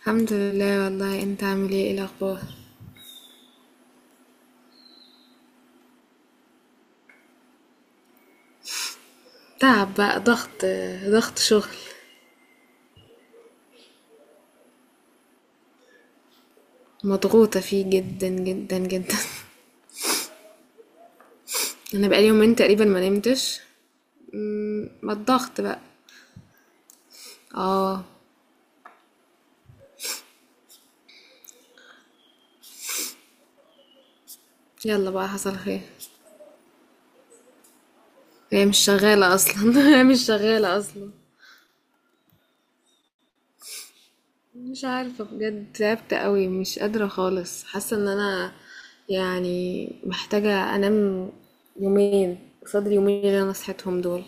الحمد لله. والله انت عامل ايه؟ ايه الاخبار؟ تعب بقى، ضغط شغل. مضغوطة فيه جدا جدا جدا. انا بقالي يومين تقريبا ما نمتش. ما الضغط بقى. اه. يلا بقى، حصل خير. هي مش شغالة اصلا. هي مش شغالة اصلا. مش عارفة بجد، تعبت قوي، مش قادرة خالص، حاسة ان انا يعني محتاجة انام يومين قصاد اليومين اللي انا صحيتهم دول.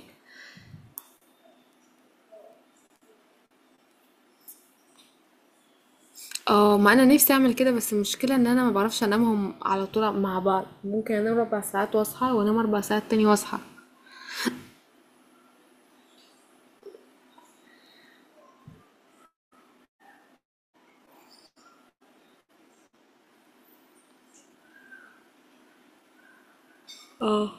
اه، ما انا نفسي اعمل كده، بس المشكله ان انا ما بعرفش انامهم على طول مع بعض. ممكن انام ربع ساعات واصحى، وانام اربع ساعات تاني واصحى. اه،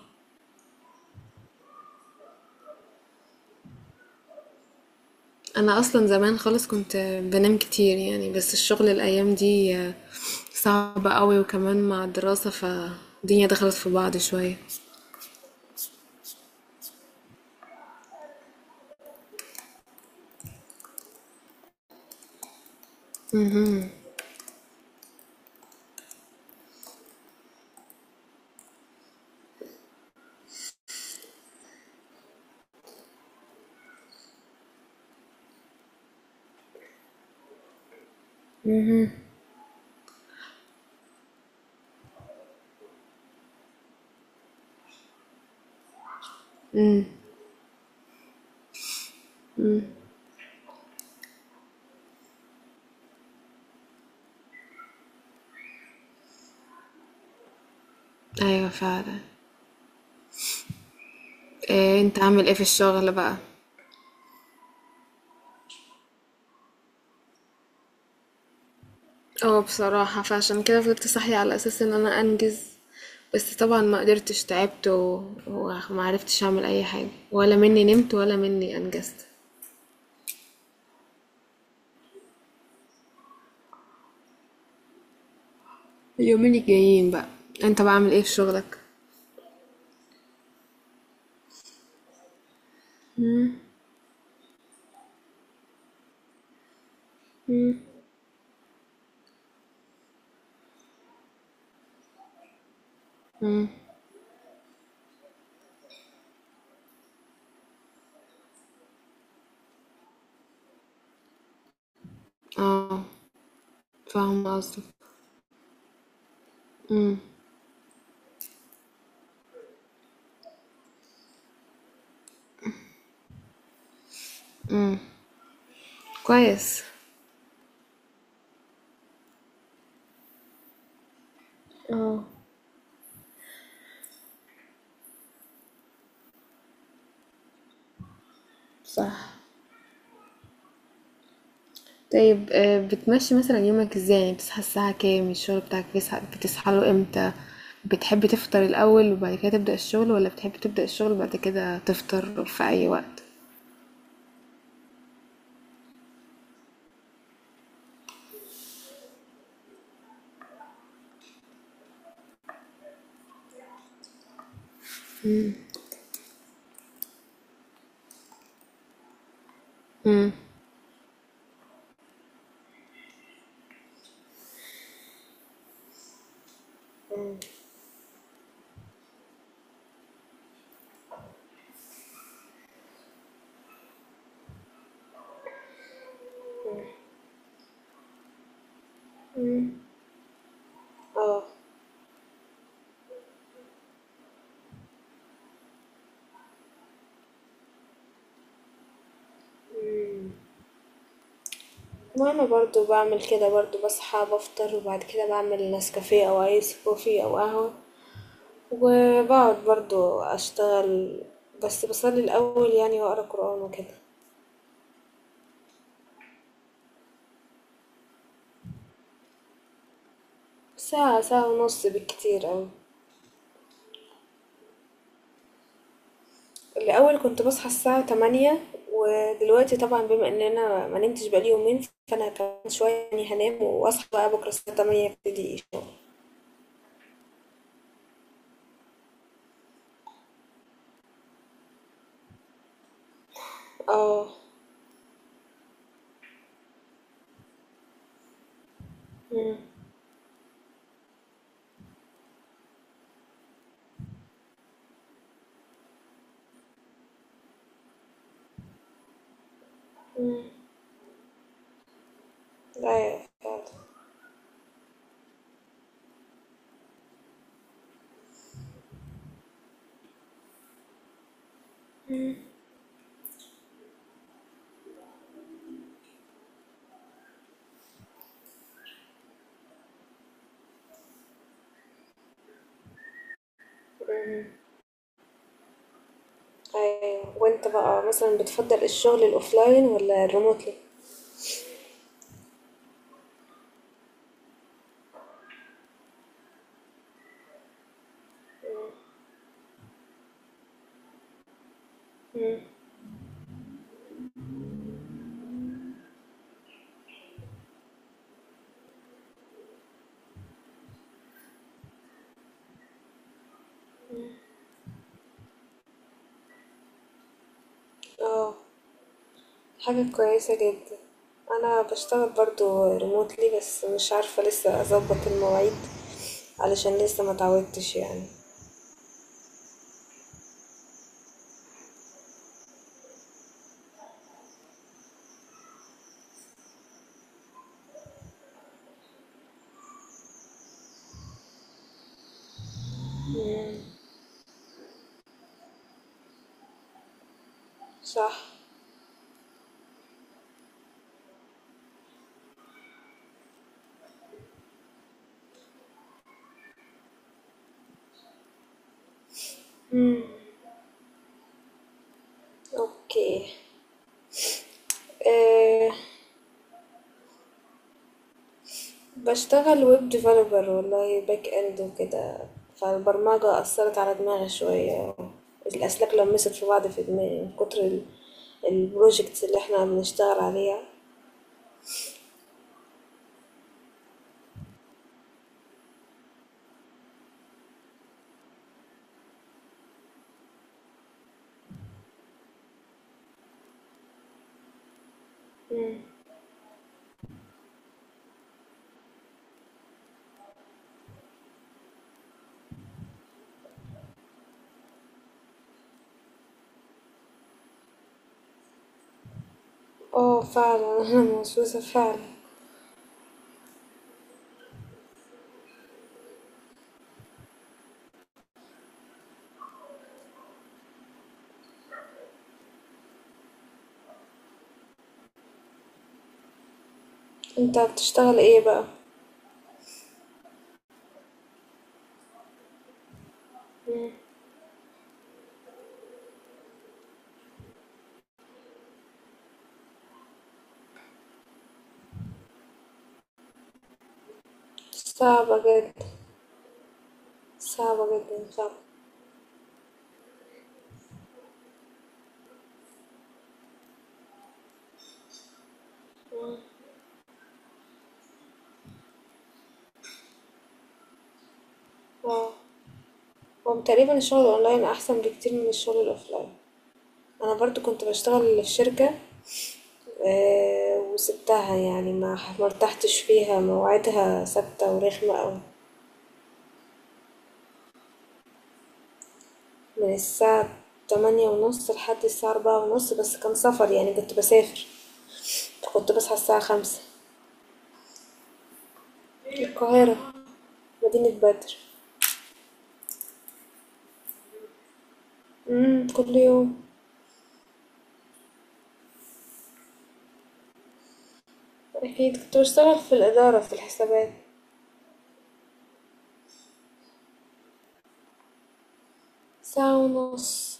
انا اصلا زمان خالص كنت بنام كتير يعني، بس الشغل الايام دي صعب قوي، وكمان مع الدراسه، فالدنيا دخلت في بعض شويه. ايوه فعلا. إيه؟ انت عامل ايه في الشغل بقى؟ اه، بصراحة فعشان كده فضلت صاحية على أساس إن أنا أنجز، بس طبعا ما قدرتش، تعبت و... وما عرفتش أعمل أي حاجة، ولا مني نمت ولا مني أنجزت. اليومين الجايين بقى. أنت بعمل إيه في شغلك؟ اه. فاهمة قصدك. كويس. اه. صح. طيب آه، بتمشي مثلا يومك ازاي؟ يعني بتصحى الساعة كام؟ الشغل بتاعك بتصحى له امتى؟ بتحب تفطر الأول وبعد كده تبدأ الشغل، ولا بتحب تبدأ الشغل بعد كده تفطر في أي وقت؟ اه، وانا برضو بعمل كده. برضو بصحى، بفطر، وبعد كده بعمل نسكافيه او ايس كوفي او قهوة، وبقعد برضو اشتغل. بس بصلي الاول يعني، واقرا قرآن وكده. ساعة، ساعة ونص بالكتير اوي. الاول كنت بصحى الساعة تمانية، ودلوقتي طبعا بما ان انا ما نمتش بقالي يومين، فانا كمان شوية يعني هنام واصحى بقى بكرة الساعة تمانية ابتدي الشغل. اه. ايوه فعلا. ايوه. وانت بقى مثلا بتفضل الشغل الاوفلاين ولا الريموتلي؟ اه. حاجة كويسة جدا. انا بشتغل برضو ريموتلي، بس مش عارفة لسه اظبط المواعيد، علشان لسه ما اتعودتش يعني. صح. اوكي. أه، بشتغل ويب ديفلوبر والله، باك اند وكده. فالبرمجة اثرت على دماغي شوية، الاسلاك لمست في بعض في دماغي من كتر البروجكتس اللي احنا بنشتغل عليها. اه فعلا. انا موسوسة فعلا. انت بتشتغل ايه بقى؟ صعبة جدا. صعبة جدًا، صعبة. آه، هو تقريبًا الشغل الأونلاين أحسن بكتير من الشغل الأوفلاين. أنا برضه كنت باشتغل في شركة، وسبتها يعني، ما ارتحتش فيها، مواعيدها ثابتة ورخمة أوي، من الساعة 8:30 لحد الساعة 16:30، بس كان سفر يعني كنت باسافر، فكنت باصحى الساعة 5. القاهرة، مدينة بدر. إمم، كل يوم. أكيد. كنت باشتغل في الإدارة في الحسابات. ساعة ونص.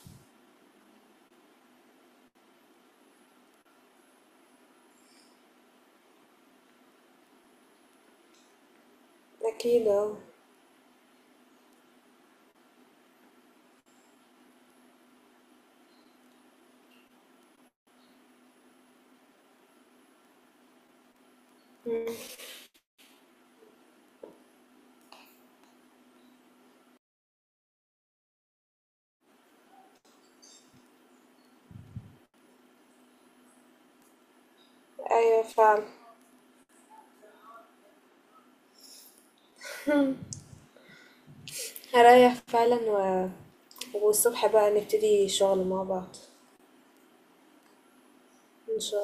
أكيد آه. إمم. أيوة فعلا. هريح فعلا و... والصبح بقى نبتدي شغل مع بعض. إن شاء